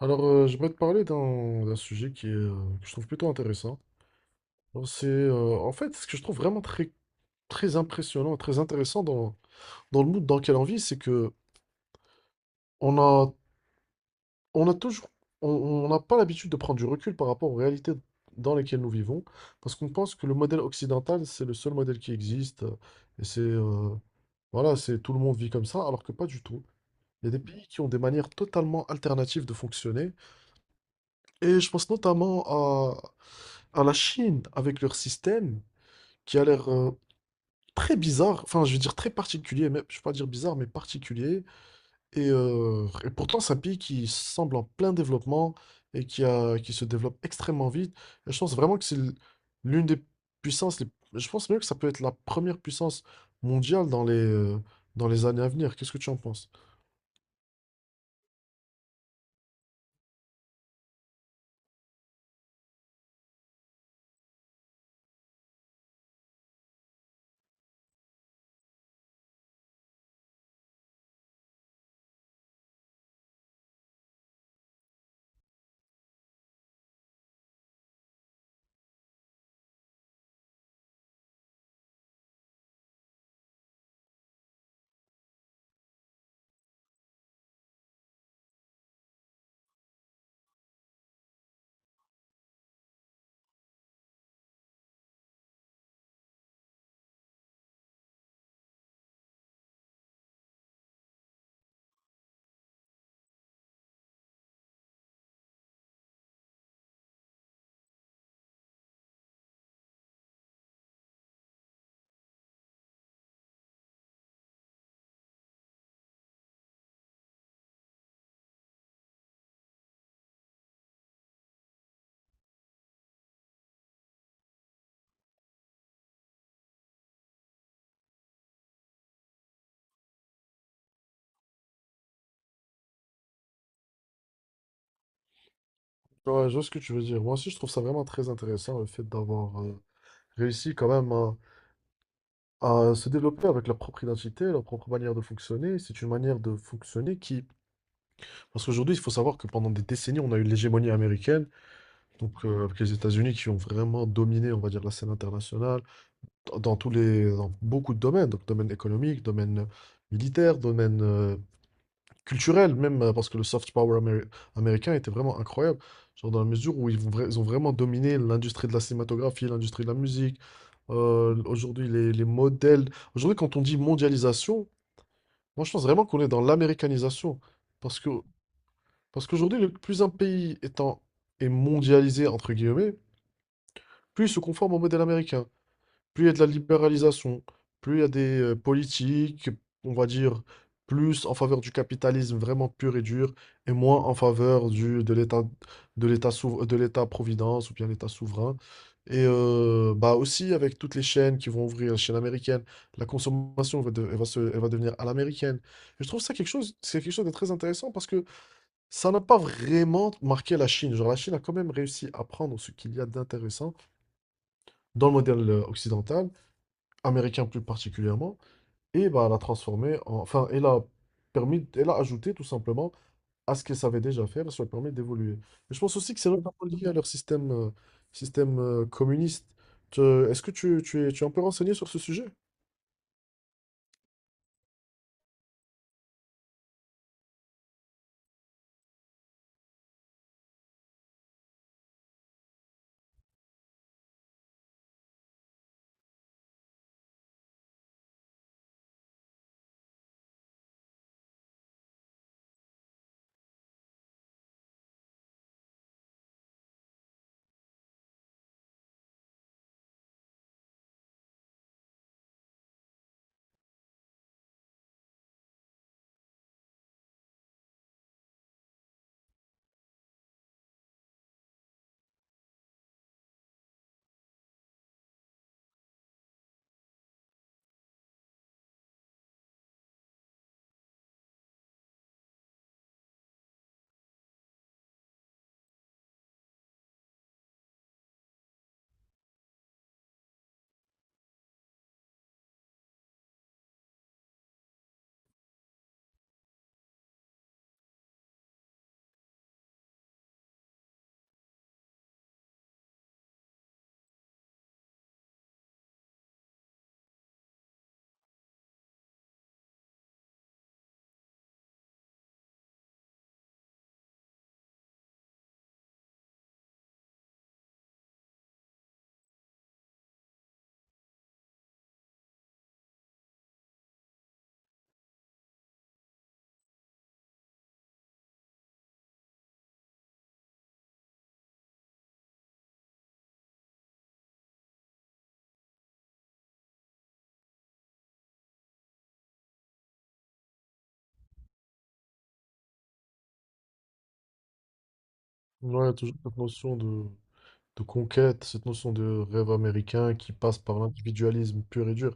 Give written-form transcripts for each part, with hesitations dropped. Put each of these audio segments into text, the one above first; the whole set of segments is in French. J'aimerais te parler d'un sujet qui est, que je trouve plutôt intéressant. Alors, c'est, en fait, ce que je trouve vraiment très, très impressionnant, très intéressant dans le monde dans lequel on vit, c'est que on a, on a toujours, on n'a pas l'habitude de prendre du recul par rapport aux réalités dans lesquelles nous vivons, parce qu'on pense que le modèle occidental, c'est le seul modèle qui existe, et c'est, voilà, c'est tout le monde vit comme ça, alors que pas du tout. Il y a des pays qui ont des manières totalement alternatives de fonctionner. Et je pense notamment à la Chine avec leur système qui a l'air très bizarre, enfin je veux dire très particulier, mais je ne vais pas dire bizarre, mais particulier. Et pourtant c'est un pays qui semble en plein développement et qui se développe extrêmement vite. Et je pense vraiment que c'est l'une des puissances. Je pense même que ça peut être la première puissance mondiale dans les années à venir. Qu'est-ce que tu en penses? Ouais, je vois ce que tu veux dire. Moi aussi je trouve ça vraiment très intéressant le fait d'avoir réussi quand même à se développer avec leur propre identité, leur propre manière de fonctionner. C'est une manière de fonctionner qui... Parce qu'aujourd'hui, il faut savoir que pendant des décennies, on a eu l'hégémonie américaine, donc avec les États-Unis qui ont vraiment dominé, on va dire, la scène internationale dans beaucoup de domaines, donc domaine économique, domaine militaire, domaine culturel, même parce que le soft power américain était vraiment incroyable, genre dans la mesure où ils ont vraiment dominé l'industrie de la cinématographie, l'industrie de la musique. Aujourd'hui, les modèles Aujourd'hui, quand on dit mondialisation, moi, je pense vraiment qu'on est dans l'américanisation. Parce que, parce qu'aujourd'hui, le plus un pays est mondialisé, entre guillemets, plus il se conforme au modèle américain, plus il y a de la libéralisation, plus il y a des politiques, on va dire, plus en faveur du capitalisme vraiment pur et dur, et moins en faveur de l'État, de de l'État-providence ou bien l'État souverain. Et bah aussi avec toutes les chaînes qui vont ouvrir, la chaîne américaine, la consommation va, de- elle va, se, elle va devenir à l'américaine. Et je trouve c'est quelque chose de très intéressant parce que ça n'a pas vraiment marqué la Chine. Genre la Chine a quand même réussi à prendre ce qu'il y a d'intéressant dans le modèle occidental américain plus particulièrement, et bah, elle a transformé, en- enfin, elle a ajouté tout simplement à ce qu'elle savait déjà faire, et ça lui a permis d'évoluer. Mais je pense aussi que c'est notamment lié à leur système communiste. Tu- Est-ce que tu es un peu renseigné sur ce sujet? Ouais, toujours cette notion de conquête, cette notion de rêve américain qui passe par l'individualisme pur et dur.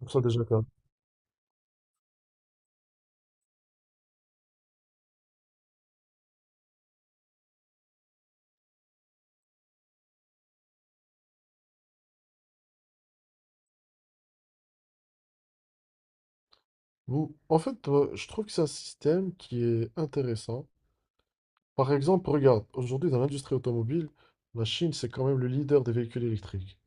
Pour ça déjà. En fait, je trouve que c'est un système qui est intéressant. Par exemple, regarde, aujourd'hui dans l'industrie automobile, la Chine, c'est quand même le leader des véhicules électriques.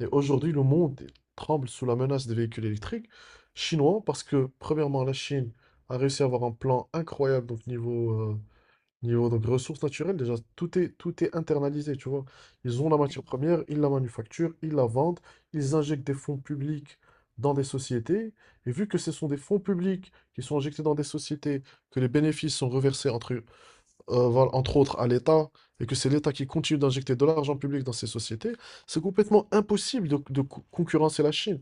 Et aujourd'hui, le monde tremble sous la menace des véhicules électriques chinois parce que, premièrement, la Chine a réussi à avoir un plan incroyable donc niveau donc ressources naturelles, déjà, tout est internalisé, tu vois. Ils ont la matière première, ils la manufacturent, ils la vendent, ils injectent des fonds publics dans des sociétés. Et vu que ce sont des fonds publics qui sont injectés dans des sociétés, que les bénéfices sont reversés voilà, entre autres à l'État, et que c'est l'État qui continue d'injecter de l'argent public dans ces sociétés, c'est complètement impossible de concurrencer la Chine.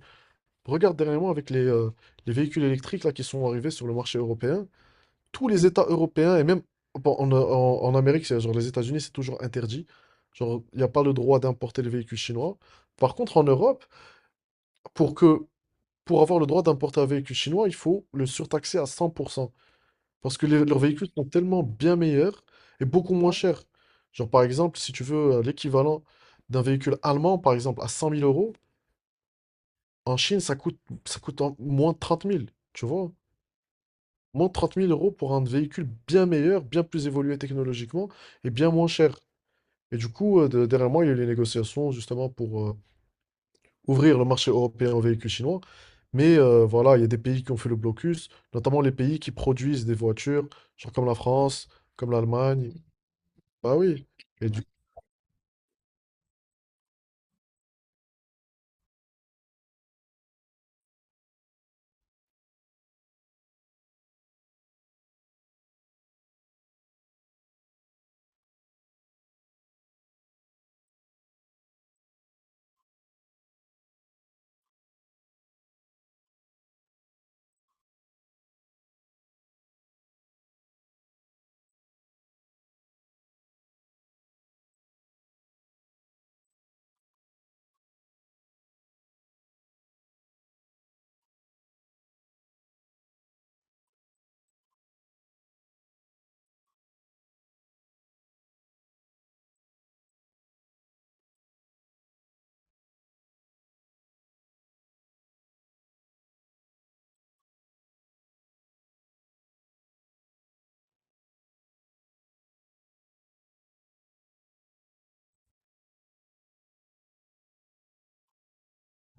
Regarde derrière moi avec les véhicules électriques là, qui sont arrivés sur le marché européen, tous les États européens, et même bon, en Amérique, genre les États-Unis, c'est toujours interdit. Genre, il n'y a pas le droit d'importer les véhicules chinois. Par contre, en Europe, pour que pour avoir le droit d'importer un véhicule chinois, il faut le surtaxer à 100%. Parce que leurs véhicules sont tellement bien meilleurs et beaucoup moins chers. Genre, par exemple, si tu veux l'équivalent d'un véhicule allemand, par exemple, à 100 000 euros, en Chine, moins de 30 000, tu vois? Moins de 30 000 euros pour un véhicule bien meilleur, bien plus évolué technologiquement et bien moins cher. Et du coup, derrière moi, il y a eu les négociations justement pour ouvrir le marché européen aux véhicules chinois. Mais voilà, il y a des pays qui ont fait le blocus, notamment les pays qui produisent des voitures, genre comme la France, comme l'Allemagne. Bah oui. Et du coup,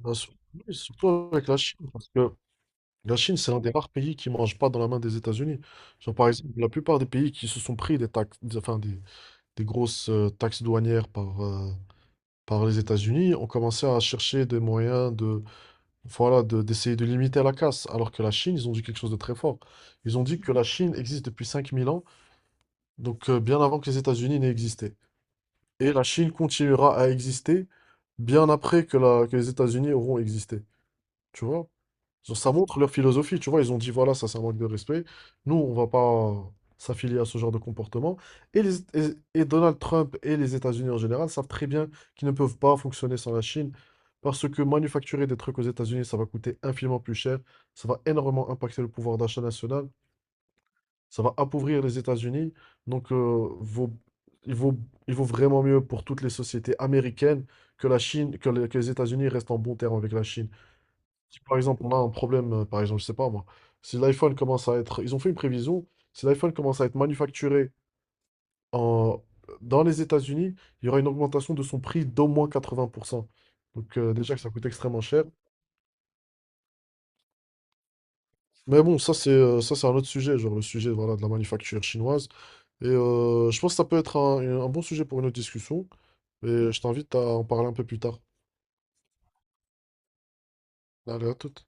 bah, oui, surtout avec la Chine, parce que la Chine, c'est l'un des rares pays qui ne mange pas dans la main des États-Unis. Genre, par exemple, la plupart des pays qui se sont pris enfin, des grosses taxes douanières par les États-Unis ont commencé à chercher des moyens de, voilà, d'essayer de limiter la casse, alors que la Chine, ils ont dit quelque chose de très fort. Ils ont dit que la Chine existe depuis 5 000 ans, donc bien avant que les États-Unis n'aient existé. Et la Chine continuera à exister bien après que, que les États-Unis auront existé. Tu vois? Genre, ça montre leur philosophie, tu vois, ils ont dit, voilà, ça c'est un manque de respect, nous, on va pas s'affilier à ce genre de comportement. Et Donald Trump et les États-Unis en général savent très bien qu'ils ne peuvent pas fonctionner sans la Chine, parce que manufacturer des trucs aux États-Unis, ça va coûter infiniment plus cher, ça va énormément impacter le pouvoir d'achat national, ça va appauvrir les États-Unis, donc il vaut, il vaut vraiment mieux pour toutes les sociétés américaines que la Chine, que les États-Unis restent en bon terme avec la Chine. Si par exemple on a un problème, par exemple, je sais pas moi, si l'iPhone commence à être, ils ont fait une prévision, si l'iPhone commence à être manufacturé en, dans les États-Unis, il y aura une augmentation de son prix d'au moins 80%. Donc déjà que ça coûte extrêmement cher. Mais bon, ça c'est un autre sujet, genre le sujet voilà, de la manufacture chinoise. Et je pense que ça peut être un bon sujet pour une autre discussion. Et je t'invite à en parler un peu plus tard. Allez, à toute.